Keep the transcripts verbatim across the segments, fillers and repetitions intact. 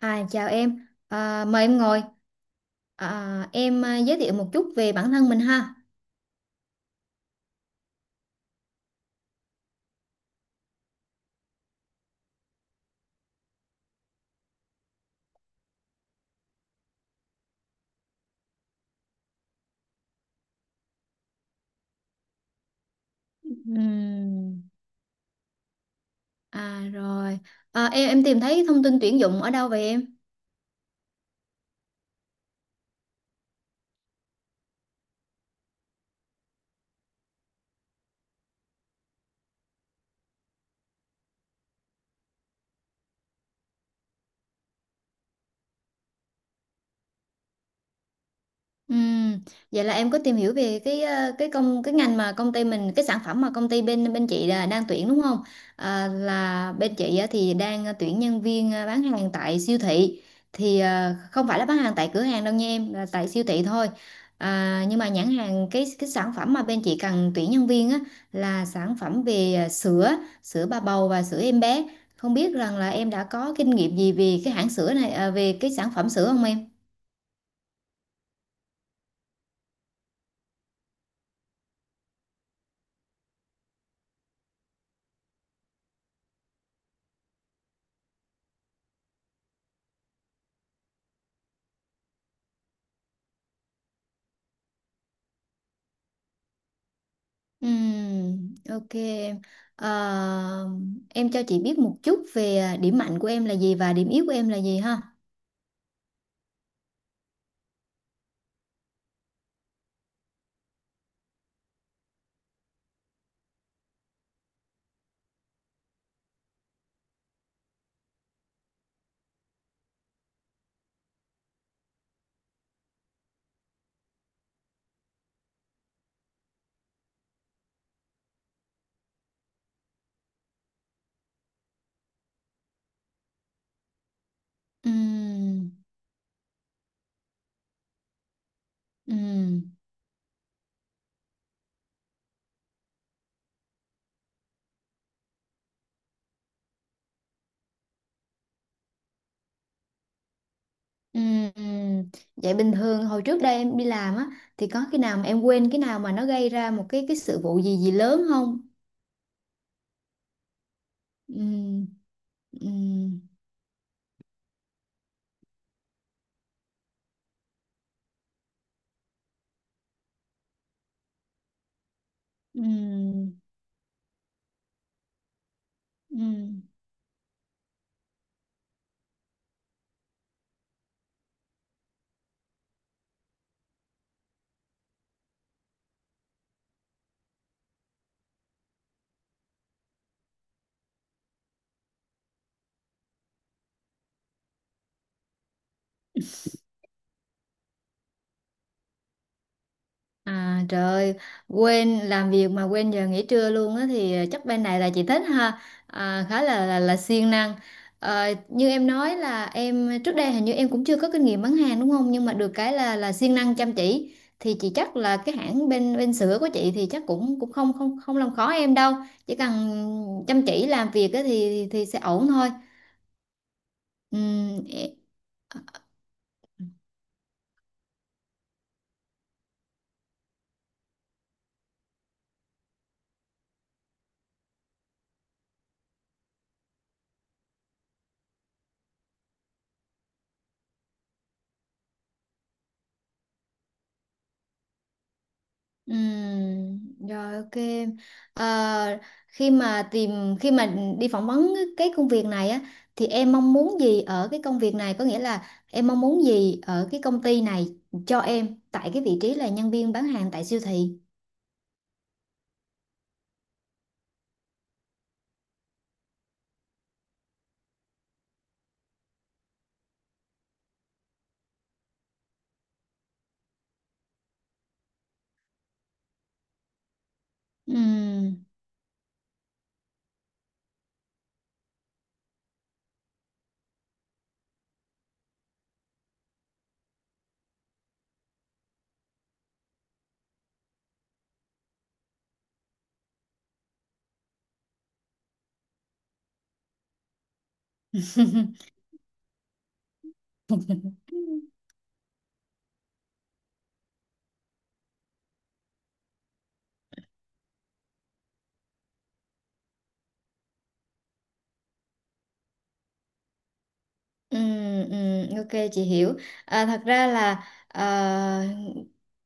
À, chào em, à, mời em ngồi. À, em à, giới thiệu một chút về bản thân mình ha. Ừm, à rồi, à, em em tìm thấy thông tin tuyển dụng ở đâu vậy em? Ừm, Vậy là em có tìm hiểu về cái ờ, cái công cái ngành mà công ty mình cái sản phẩm mà công ty bên bên chị là đang tuyển đúng không? À, là bên chị á thì đang ờ, tuyển nhân viên ờ, bán hàng tại siêu thị thì ờ, không phải là bán hàng tại cửa hàng đâu nha em, là tại siêu thị thôi. À, nhưng mà nhãn hàng cái cái sản phẩm mà bên chị cần tuyển nhân viên á là sản phẩm về ờ, sữa sữa bà bầu và sữa em bé. Không biết rằng là em đã có kinh nghiệm gì về cái hãng sữa này ờ, về cái sản phẩm sữa không em? Ừm, ok em. Ờ, em cho chị biết một chút về à, điểm mạnh của em là gì và điểm yếu của em là gì ha. Ừm, ừm, ừm, ừm. Vậy bình thường hồi trước đây em đi làm á thì có khi nào mà em quên cái nào mà nó gây ra một cái cái sự vụ gì gì lớn không? Ừm, ừm, ừm, ừm. À trời, quên làm việc mà quên giờ nghỉ trưa luôn á thì ờ, chắc bên này là chị thích ha, à, khá là là, là siêng năng. Ờ, như em nói là em trước đây hình như em cũng chưa có kinh nghiệm bán hàng đúng không? Nhưng mà được cái là là siêng năng chăm chỉ thì chị chắc là cái hãng bên bên sữa của chị thì chắc cũng cũng không không không làm khó em đâu, chỉ cần chăm chỉ làm việc á thì thì sẽ ổn thôi. Ừm, Ừ, rồi Ok em. Ờ, khi mà tìm khi mà đi phỏng vấn cái công việc này á thì em mong muốn gì ở cái công việc này, có nghĩa là em mong muốn gì ở cái công ty này cho em tại cái vị trí là nhân viên bán hàng tại siêu thị. Ừ. Ừ, ừ, ok chị hiểu, à, thật ra là à,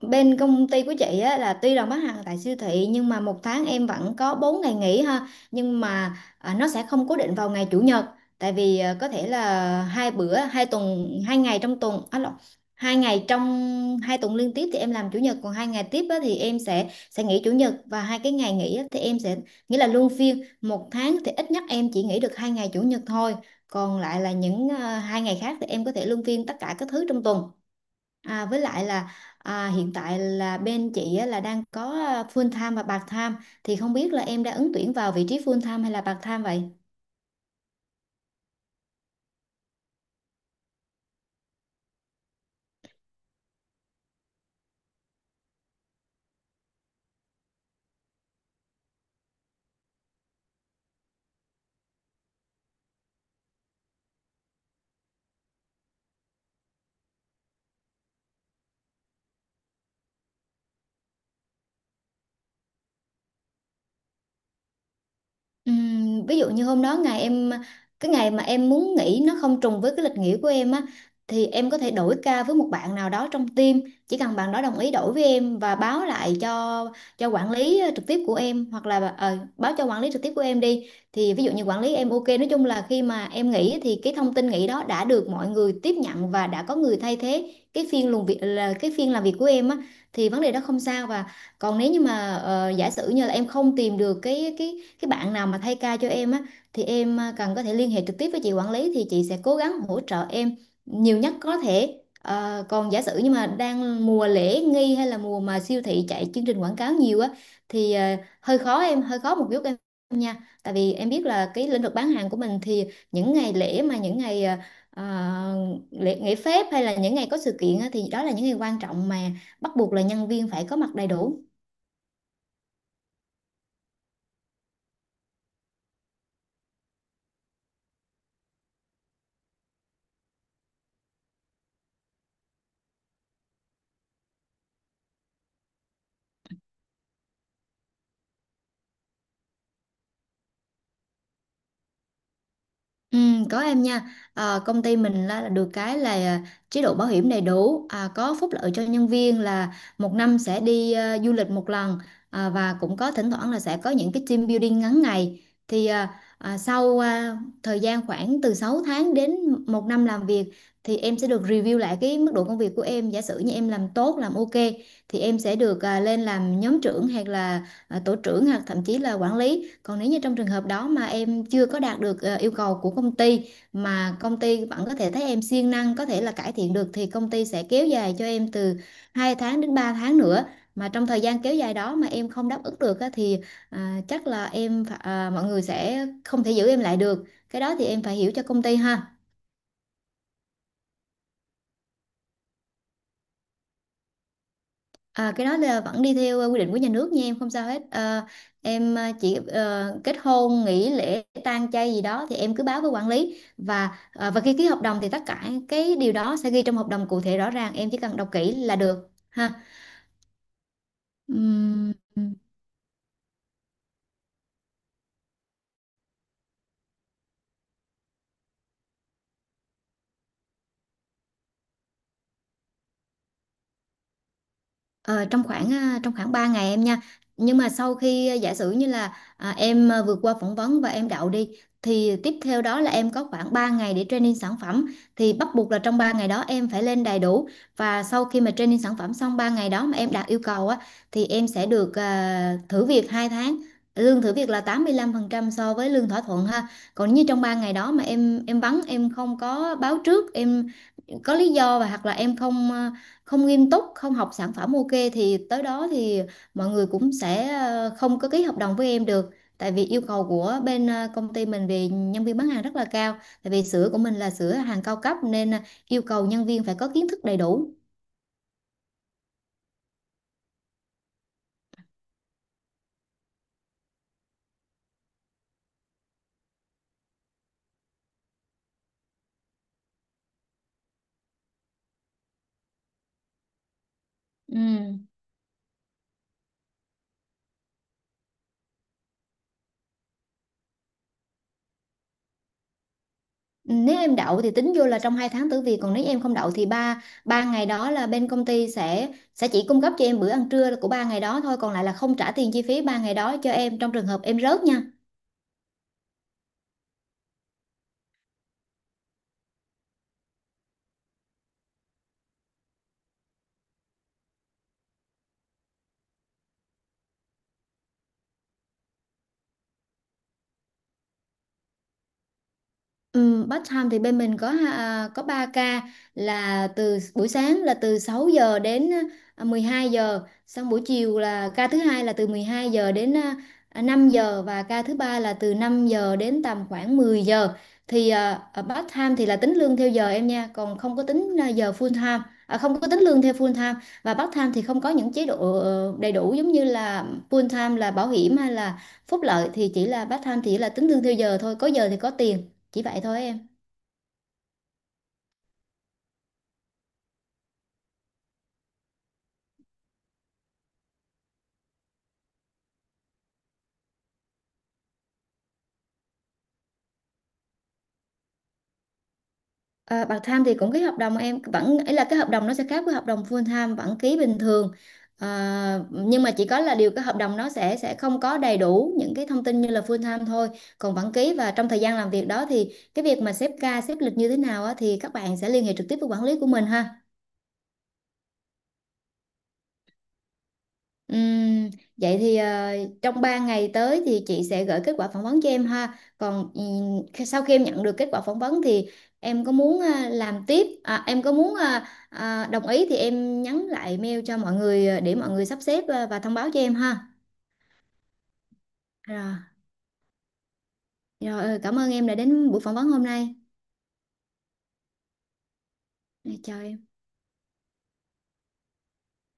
bên công ty của chị á, là tuy là bán hàng tại siêu thị nhưng mà một tháng em vẫn có bốn ngày nghỉ ha, nhưng mà à, nó sẽ không cố định vào ngày chủ nhật, tại vì à, có thể là hai bữa hai tuần hai ngày trong tuần à, lộn, hai ngày trong hai tuần liên tiếp thì em làm chủ nhật, còn hai ngày tiếp á, thì em sẽ sẽ nghỉ chủ nhật, và hai cái ngày nghỉ á, thì em sẽ, nghĩa là luân phiên, một tháng thì ít nhất em chỉ nghỉ được hai ngày chủ nhật thôi, còn lại là những à, hai ngày khác thì em có thể luân phiên tất cả các thứ trong tuần. À, với lại là à, hiện tại là bên chị á, là đang có à, full time và part time, thì không biết là em đã ứng tuyển vào vị trí full time hay là part time vậy? Ừm, ví dụ như hôm đó ngày em cái ngày mà em muốn nghỉ nó không trùng với cái lịch nghỉ của em á, thì em có thể đổi ca với một bạn nào đó trong team, chỉ cần bạn đó đồng ý đổi với em và báo lại cho cho quản lý ờ, trực tiếp của em, hoặc là ờ, báo cho quản lý trực tiếp của em đi, thì ví dụ như quản lý em ok, nói chung là khi mà em nghỉ thì cái thông tin nghỉ đó đã được mọi người tiếp nhận và đã có người thay thế cái phiên làm việc, là cái phiên làm việc của em á thì vấn đề đó không sao. Và còn nếu như mà ờ, giả sử như là em không tìm được cái cái cái bạn nào mà thay ca cho em á, thì em à, cần, có thể liên hệ trực tiếp với chị quản lý thì chị sẽ cố gắng hỗ trợ em nhiều nhất có thể. Ờ, còn giả sử như mà đang mùa lễ nghi hay là mùa mà siêu thị chạy chương trình quảng cáo nhiều á thì ờ, hơi khó em, hơi khó một chút em nha, tại vì em biết là cái lĩnh vực bán hàng của mình thì những ngày lễ mà những ngày ờ, ờ, lễ nghỉ phép hay là những ngày có sự kiện á, thì đó là những ngày quan trọng mà bắt buộc là nhân viên phải có mặt đầy đủ. Ừ, có em nha. Ờ, công ty mình là, là được cái là à, chế độ bảo hiểm đầy đủ, à, có phúc lợi cho nhân viên là một năm sẽ đi à, du lịch một lần, à, và cũng có thỉnh thoảng là sẽ có những cái team building ngắn ngày, thì à, à, sau à, thời gian khoảng từ sáu tháng đến một năm làm việc thì em sẽ được review lại cái mức độ công việc của em, giả sử như em làm tốt làm ok thì em sẽ được à, lên làm nhóm trưởng hoặc là à, tổ trưởng hoặc thậm chí là quản lý. Còn nếu như trong trường hợp đó mà em chưa có đạt được ờ, yêu cầu của công ty mà công ty vẫn có thể thấy em siêng năng, có thể là cải thiện được, thì công ty sẽ kéo dài cho em từ hai tháng đến ba tháng nữa. Mà trong thời gian kéo dài đó mà em không đáp ứng được á, thì à, chắc là em phải- à, mọi người sẽ không thể giữ em lại được, cái đó thì em phải hiểu cho công ty ha. À, cái đó là vẫn đi theo ờ, quy định của nhà nước nha em, không sao hết. Ờ, em ờ, chỉ ờ, kết hôn, nghỉ lễ, tang chay gì đó thì em cứ báo với quản lý, và ờ, và khi ký hợp đồng thì tất cả cái điều đó sẽ ghi trong hợp đồng cụ thể rõ ràng, em chỉ cần đọc kỹ là được ha. Ừm, Ờ, trong khoảng à, trong khoảng ba ngày em nha. Nhưng mà sau khi à, giả sử như là à, em à, vượt qua phỏng vấn và em đậu đi thì tiếp theo đó là em có khoảng ba ngày để training sản phẩm, thì bắt buộc là trong ba ngày đó em phải lên đầy đủ. Và sau khi mà training sản phẩm xong ba ngày đó mà em đạt yêu cầu á thì em sẽ được à, thử việc hai tháng. Lương thử việc là tám mươi lăm phần trăm so với lương thỏa thuận ha. Còn như trong ba ngày đó mà em em vắng, em không có báo trước, em có lý do, và hoặc là em không à, không nghiêm túc không học sản phẩm ok, thì tới đó thì mọi người cũng sẽ ờ, không có ký hợp đồng với em được, tại vì yêu cầu của bên ờ, công ty mình về nhân viên bán hàng rất là cao, tại vì sữa của mình là sữa hàng cao cấp nên ờ, yêu cầu nhân viên phải có kiến thức đầy đủ. ừ. Nếu em đậu thì tính vô là trong hai tháng tử việc, còn nếu em không đậu thì ba ba ngày đó là bên công ty sẽ sẽ chỉ cung cấp cho em bữa ăn trưa của ba ngày đó thôi, còn lại là không trả tiền chi phí ba ngày đó cho em trong trường hợp em rớt nha. Ừ, part time thì bên mình có à, có ba ca, là từ buổi sáng là từ sáu giờ đến à, mười hai giờ, xong buổi chiều là ca thứ hai là từ mười hai giờ đến à, năm giờ, và ca thứ ba là từ năm giờ đến tầm khoảng mười giờ. Thì à, ở part time thì là tính lương theo giờ em nha, còn không có tính à, giờ full time, à, không có tính lương theo full time. Và part time thì không có những chế độ ờ, đầy đủ giống như là full time là bảo hiểm hay là phúc lợi, thì chỉ là part time thì chỉ là tính lương theo giờ thôi, có giờ thì có tiền, chỉ vậy thôi em. À, part time thì cũng ký hợp đồng em, vẫn ấy, là cái hợp đồng nó sẽ khác với hợp đồng full time, vẫn ký bình thường, à, nhưng mà chỉ có là điều cái hợp đồng nó sẽ sẽ không có đầy đủ những cái thông tin như là full time thôi, còn vẫn ký. Và trong thời gian làm việc đó thì cái việc mà xếp ca xếp lịch như thế nào á, thì các bạn sẽ liên hệ trực tiếp với quản lý của mình ha. Ừm, vậy thì ờ, trong ba ngày tới thì chị sẽ gửi kết quả phỏng vấn cho em ha. Còn ừm, khi- sau khi em nhận được kết quả phỏng vấn thì em có muốn ờ, làm tiếp, à, em có muốn ờ, ờ, đồng ý thì em nhắn lại mail cho mọi người ờ, để mọi người sắp xếp, ờ, và thông báo cho em ha. Rồi, rồi cảm ơn em đã đến buổi phỏng vấn hôm nay. Rồi, chào em.